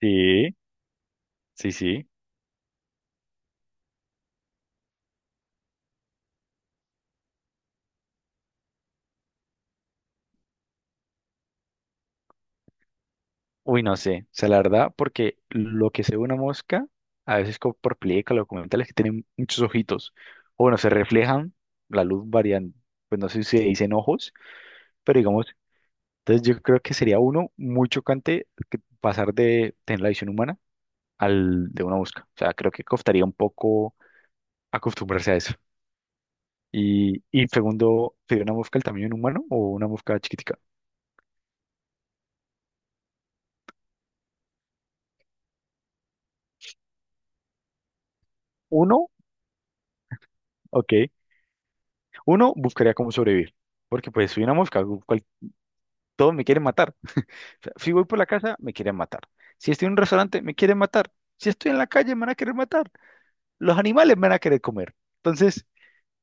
Sí, sí, sí. Uy, no sé. O sea, la verdad, porque lo que se ve una mosca, a veces como por películas, o documentales que tienen muchos ojitos, o bueno, se reflejan, la luz variando. Pues no sé si se dicen ojos, pero digamos, entonces yo creo que sería uno muy chocante que pasar de tener la visión humana al de una mosca. O sea, creo que costaría un poco acostumbrarse a eso. Y segundo, ¿sería una mosca del tamaño de un humano o una mosca chiquitica? Uno, ok. Uno, buscaría cómo sobrevivir, porque pues soy una mosca, todos me quieren matar. O sea, si voy por la casa, me quieren matar. Si estoy en un restaurante, me quieren matar. Si estoy en la calle, me van a querer matar. Los animales me van a querer comer. Entonces,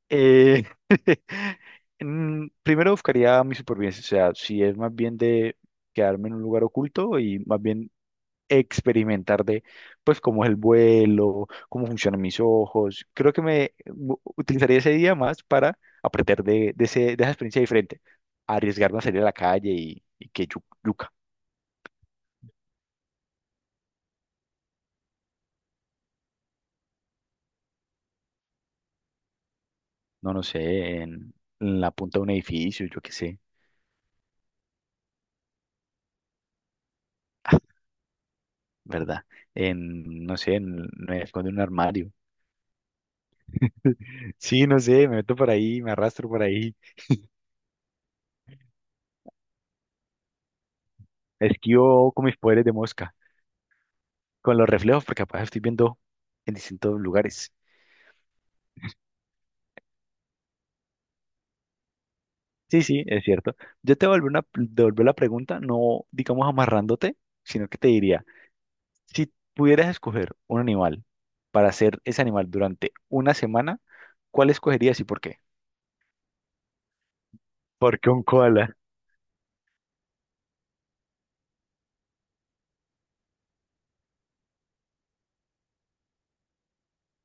eh, primero buscaría mi supervivencia, o sea, si es más bien de quedarme en un lugar oculto y más bien experimentar pues, cómo es el vuelo, cómo funcionan mis ojos. Creo que utilizaría ese día más para aprender de esa experiencia diferente, arriesgarme a salir a la calle y que yuca, no sé, en la punta de un edificio, yo qué sé. Ah, ¿verdad? No sé, en, me escondo en un armario. Sí, no sé, me meto por ahí, me arrastro por ahí, esquivo con mis poderes de mosca, con los reflejos, porque capaz estoy viendo en distintos lugares. Sí, sí, es cierto. Yo te vuelvo una, devuelvo la pregunta, no digamos amarrándote, sino que te diría, si pudieras escoger un animal para ser ese animal durante una semana, ¿cuál escogerías y por qué? ¿Por qué un koala?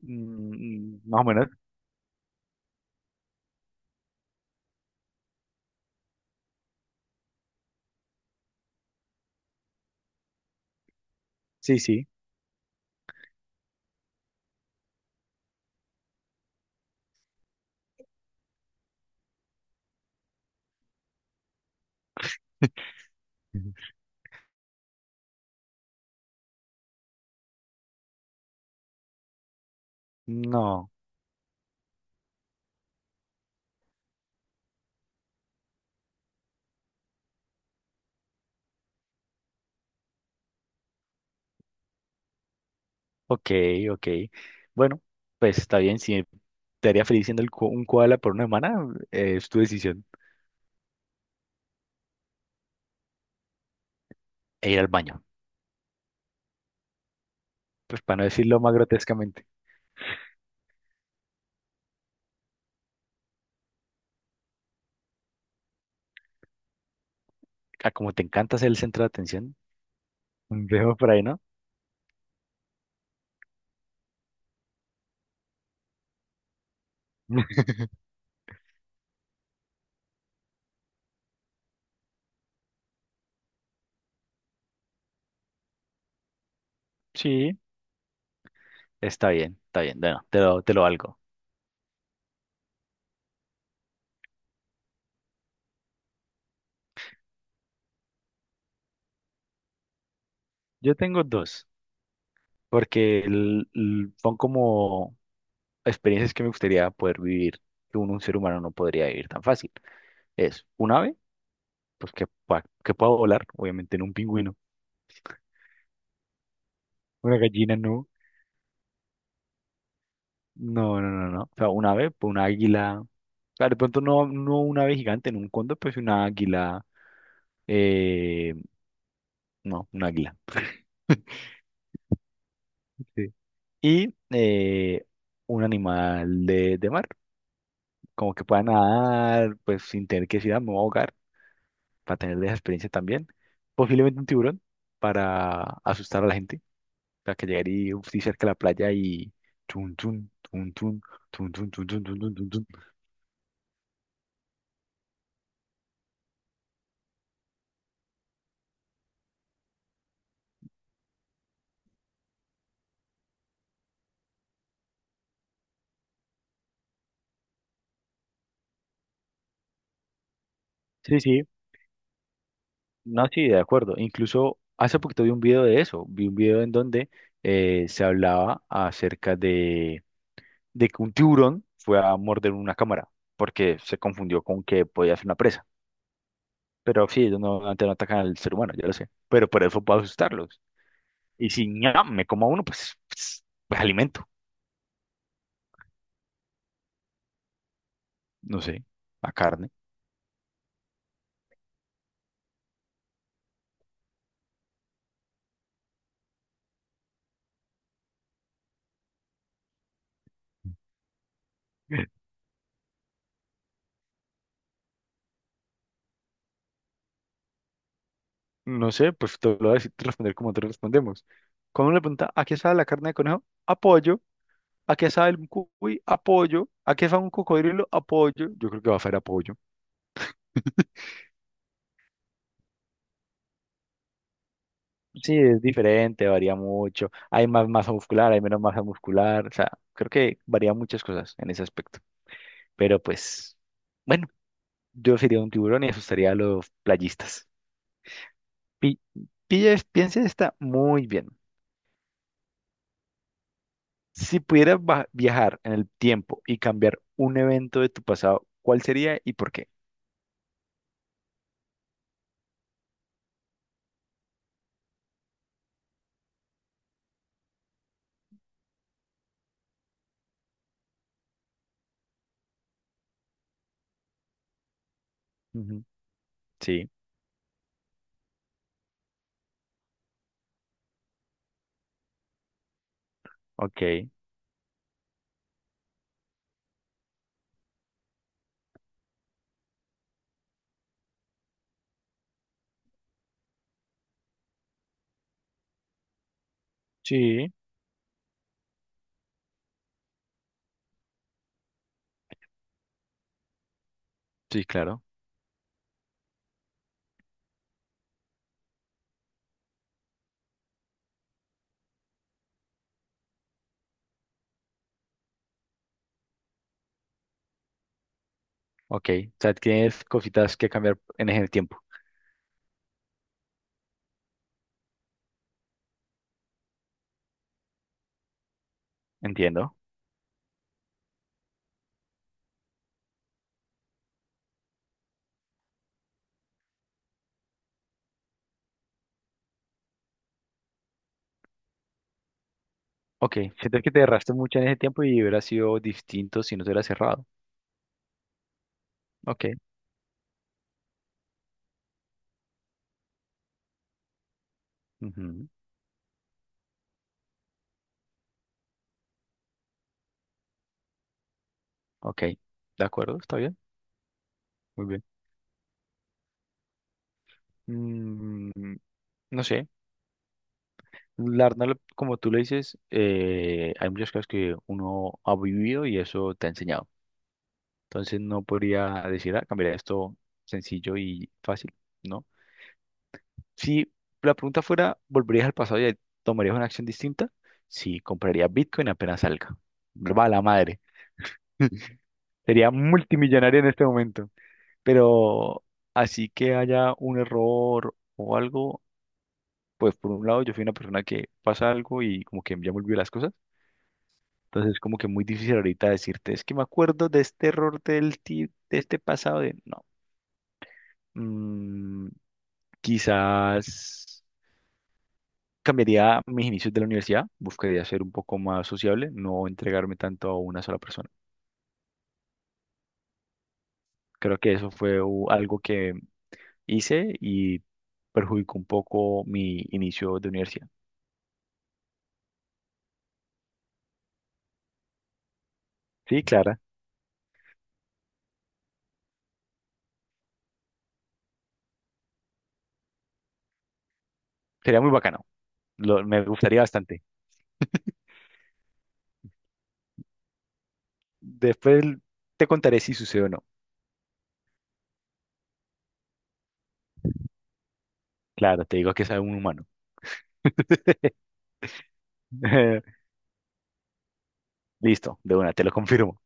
Mm, más o menos. Sí, sí. No. Ok, ok. Bueno, pues está bien. Si te haría feliz siendo un koala por una semana, es tu decisión. E ir al baño. Pues para no decirlo más grotescamente. Ah, como te encanta ser el centro de atención, veo por ahí, ¿no? Sí, está bien, está bien. Bueno, te lo valgo. Yo tengo dos, porque son como experiencias que me gustaría poder vivir, que un ser humano no podría vivir tan fácil. Es un ave, pues que, que pueda volar, obviamente en un pingüino. Una gallina no. No, no, no, no. O sea, un ave, pues un águila. Claro, de pronto no un ave gigante en un cóndor, pues una águila. Eh, no, un águila. Sí. Y un animal de mar, como que pueda nadar, pues sin tener que decir, "Ah, me voy a ahogar", para tener esa experiencia también. Posiblemente un tiburón para asustar a la gente, para que llegar y uf, sí, cerca a la playa y tun, tun, tun, tun, tun, tun, tun, tun, tun, tun, tun, tun. Sí, sí, no, sí, de acuerdo. Incluso hace poquito vi un video de eso, vi un video en donde se hablaba acerca de que un tiburón fue a morder una cámara porque se confundió con que podía ser una presa. Pero sí, ellos no, antes no atacan al ser humano, yo lo sé. Pero por eso puedo asustarlos. Y si ñam, me como a uno, pues alimento. No sé, la carne. No sé, pues te lo voy a decir, responder como te respondemos. Cuando uno le pregunta, ¿a qué sabe la carne de conejo? Apoyo. ¿A qué sabe el cuy? Apoyo. ¿A qué sabe un cocodrilo? Apoyo. Yo creo que va a ser apoyo. Sí, es diferente, varía mucho. Hay más masa muscular, hay menos masa muscular. O sea, creo que varía muchas cosas en ese aspecto. Pero pues... Bueno, yo sería un tiburón y asustaría a los playistas. Pi- piensa esta muy bien. Si pudieras viajar en el tiempo y cambiar un evento de tu pasado, ¿cuál sería y por qué? Ujú. Sí, ok. Sí, sí, claro. Ok. O sea, tienes cositas que cambiar en ese tiempo. Entiendo. Ok. Siento que te erraste mucho en ese tiempo y hubiera sido distinto si no te hubieras cerrado. Ok, ujú, ok. De acuerdo, está bien. Muy bien. Mm, no sé. La verdad, como tú le dices, hay muchas cosas que uno ha vivido y eso te ha enseñado. Entonces no podría decir, ah, cambiaría esto sencillo y fácil, ¿no? Si la pregunta fuera, ¿volverías al pasado y tomarías una acción distinta? Sí, compraría Bitcoin apenas salga. Va la madre. Sería multimillonario en este momento. Pero así que haya un error o algo, pues por un lado yo fui una persona que pasa algo y como que ya me olvidó las cosas. Entonces es como que muy difícil ahorita decirte, es que me acuerdo de este error de este pasado de no. Mm, quizás cambiaría mis inicios de la universidad, buscaría ser un poco más sociable, no entregarme tanto a una sola persona. Creo que eso fue algo que hice y perjudicó un poco mi inicio de universidad. Sí, Clara, sería muy bacano. Me gustaría bastante. Después te contaré si sucede o no. Claro, te digo que es un humano. Listo, de una, te lo confirmo.